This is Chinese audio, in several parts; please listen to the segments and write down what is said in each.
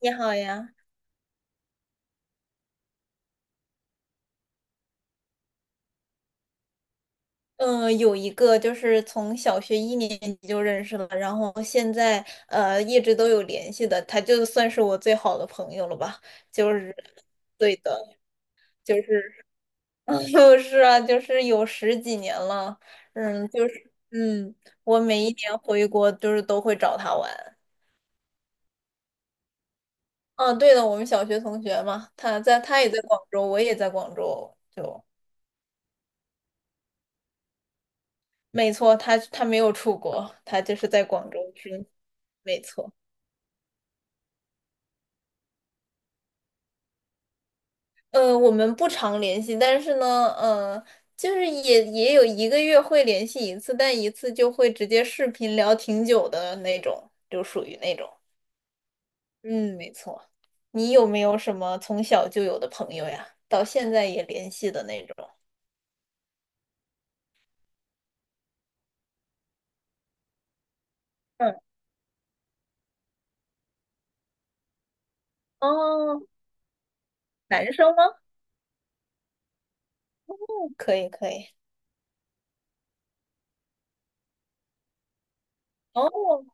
你好呀，嗯，有一个就是从小学一年级就认识了，然后现在一直都有联系的，他就算是我最好的朋友了吧。就是，对的，就是，就是啊，就是有十几年了。就是，我每一年回国就是都会找他玩。嗯，对的，我们小学同学嘛。他也在广州，我也在广州，就，没错，他没有出国，他就是在广州生活，没错。我们不常联系，但是呢，就是也有一个月会联系一次，但一次就会直接视频聊挺久的那种，就属于那种。嗯，没错。你有没有什么从小就有的朋友呀？到现在也联系的那种？嗯，哦，男生吗？嗯，可以可以。哦，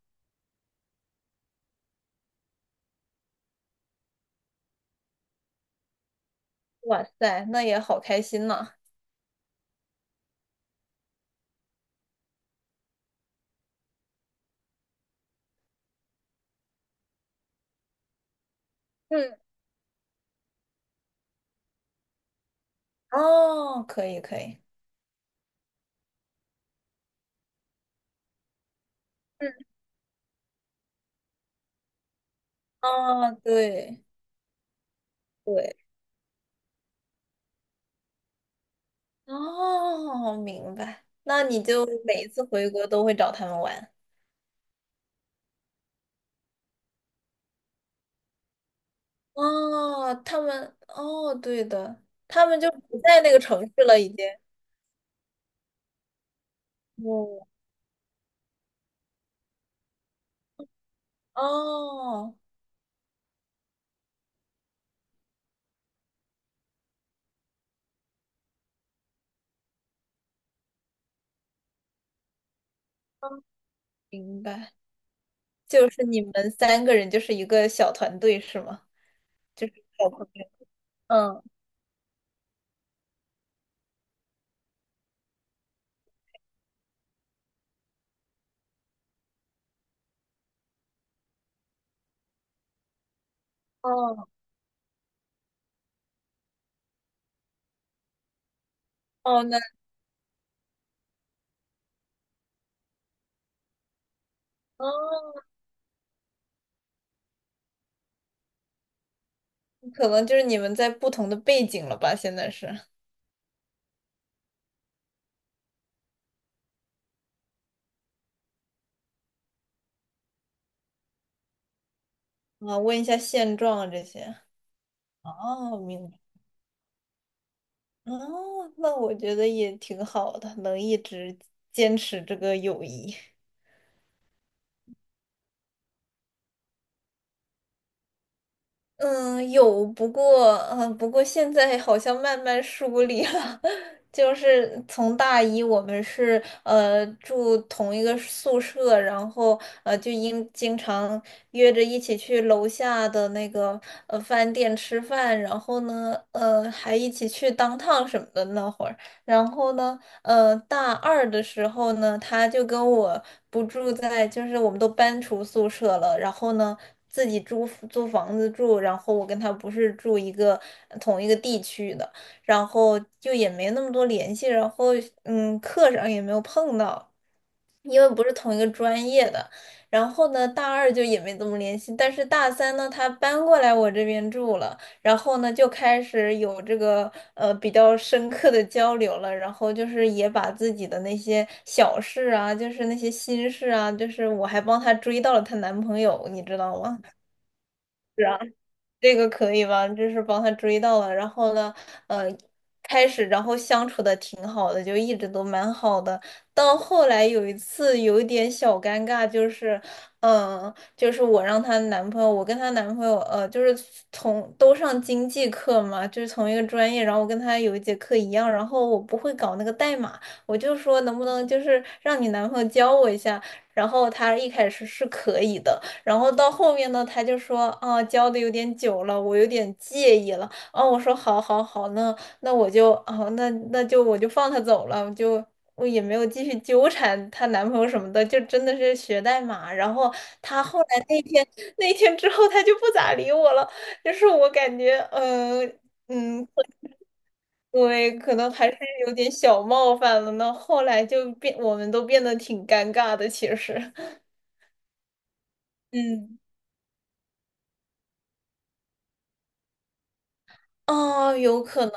哇塞，那也好开心呐。嗯，哦，可以可以。嗯，啊，对对。哦，明白。那你就每一次回国都会找他们玩。哦，哦，对的，他们就不在那个城市了，已经。哦，哦，明白。就是你们三个人就是一个小团队是吗？就是小朋友。嗯，哦，哦，那哦，可能就是你们在不同的背景了吧？现在是啊，问一下现状啊这些。哦，明白。哦，那我觉得也挺好的，能一直坚持这个友谊。嗯，有，不过现在好像慢慢疏离了。就是从大一，我们是住同一个宿舍，然后就因经常约着一起去楼下的那个饭店吃饭。然后呢，还一起去当趟什么的那会儿。然后呢，大二的时候呢，他就跟我不住在，就是我们都搬出宿舍了，然后呢。自己租房子住，然后我跟他不是住同一个地区的。然后就也没那么多联系，然后课上也没有碰到，因为不是同一个专业的。然后呢，大二就也没怎么联系，但是大三呢，他搬过来我这边住了，然后呢就开始有这个比较深刻的交流了。然后就是也把自己的那些小事啊，就是那些心事啊，就是我还帮她追到了她男朋友，你知道吗？这个可以吧？就是帮他追到了，然后呢，呃，开始然后相处的挺好的，就一直都蛮好的。到后来有一次有一点小尴尬，就是我让她男朋友，我跟她男朋友，就是从都上经济课嘛，就是同一个专业，然后我跟她有一节课一样，然后我不会搞那个代码。我就说能不能就是让你男朋友教我一下，然后她一开始是可以的。然后到后面呢，他就说啊，教的有点久了，我有点介意了。啊，我说好好好，那我就啊，那就放他走了。我也没有继续纠缠她男朋友什么的，就真的是学代码。然后她后来那天之后，她就不咋理我了，就是我感觉，嗯、嗯，对，可能还是有点小冒犯了呢。后来我们都变得挺尴尬的，其实。嗯，哦，有可能。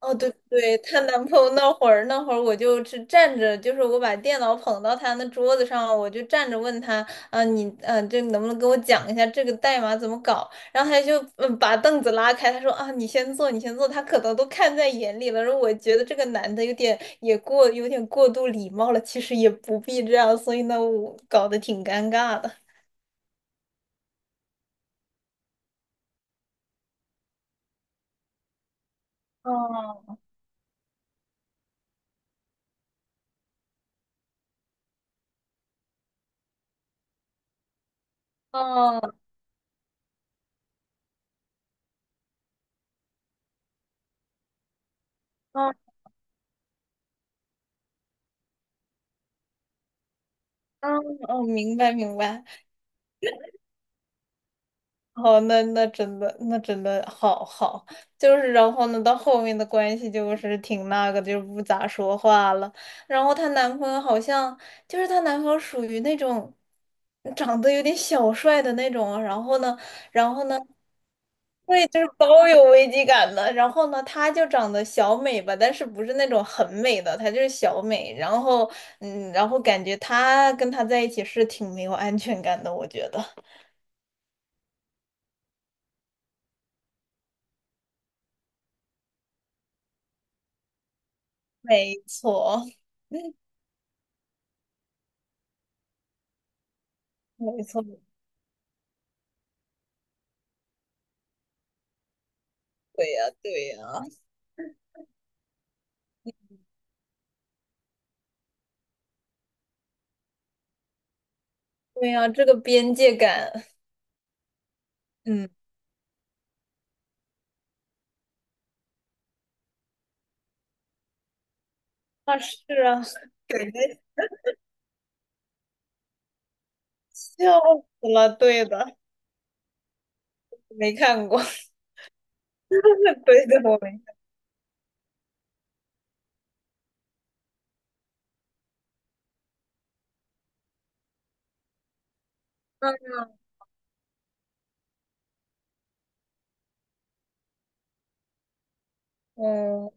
哦，对对，她男朋友那会儿，我就是站着，就是我把电脑捧到她那桌子上，我就站着问她。啊，这能不能跟我讲一下这个代码怎么搞？然后她就把凳子拉开，她说啊，你先坐，你先坐，她可能都看在眼里了。然后我觉得这个男的有点过度礼貌了，其实也不必这样，所以呢，我搞得挺尴尬的。哦哦哦哦哦，明白明白。哦，那真的好好。就是然后呢，到后面的关系就是挺那个的就不咋说话了。然后她男朋友好像就是她男朋友属于那种长得有点小帅的那种啊，然后呢，然后呢，对，就是包有危机感的。然后呢，她就长得小美吧，但是不是那种很美的，她就是小美。然后然后感觉她跟他在一起是挺没有安全感的，我觉得。没错。没错，对呀，对呀，对呀，这个边界感，嗯，啊，是啊，给人笑死了，对的。没看过。对的，我没看过。嗯，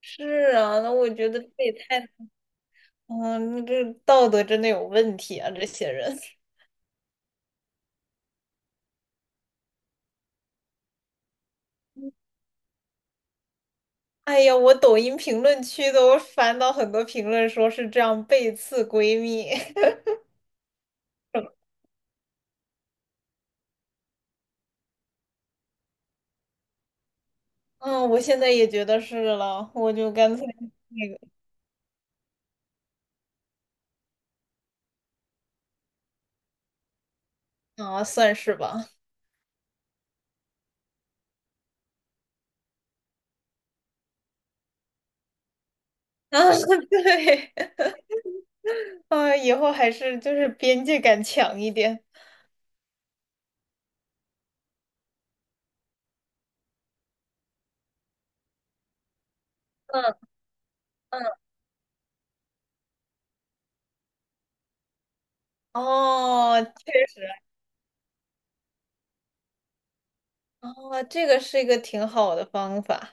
是啊，那我觉得这也太，嗯，这道德真的有问题啊，这些人。哎呀，我抖音评论区都翻到很多评论，说是这样背刺闺蜜。嗯，我现在也觉得是了，我就干脆那个。啊，算是吧。啊，对，啊，以后还是就是边界感强一点。嗯嗯，哦，确实。哦，这个是一个挺好的方法。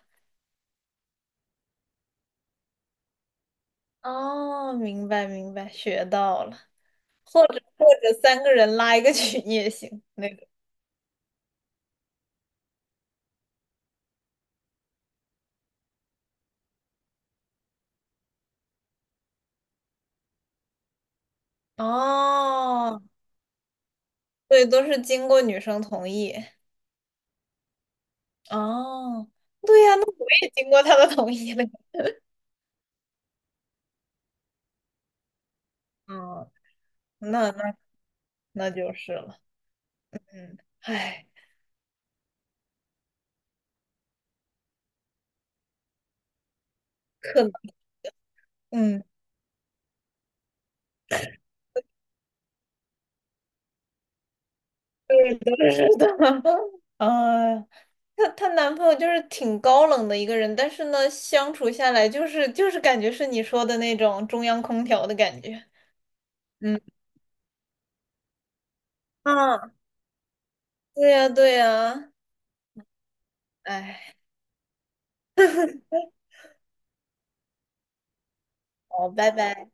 哦，明白明白，学到了。或者三个人拉一个群也行，那个。哦，对，都是经过女生同意。哦，对呀，那我也经过她的同意了。哦，那那那就是了。嗯，唉，可能，嗯。对的，是的，呃，她男朋友就是挺高冷的一个人，但是呢，相处下来就是感觉是你说的那种中央空调的感觉。嗯，啊，对呀，对呀，哎，好，拜拜。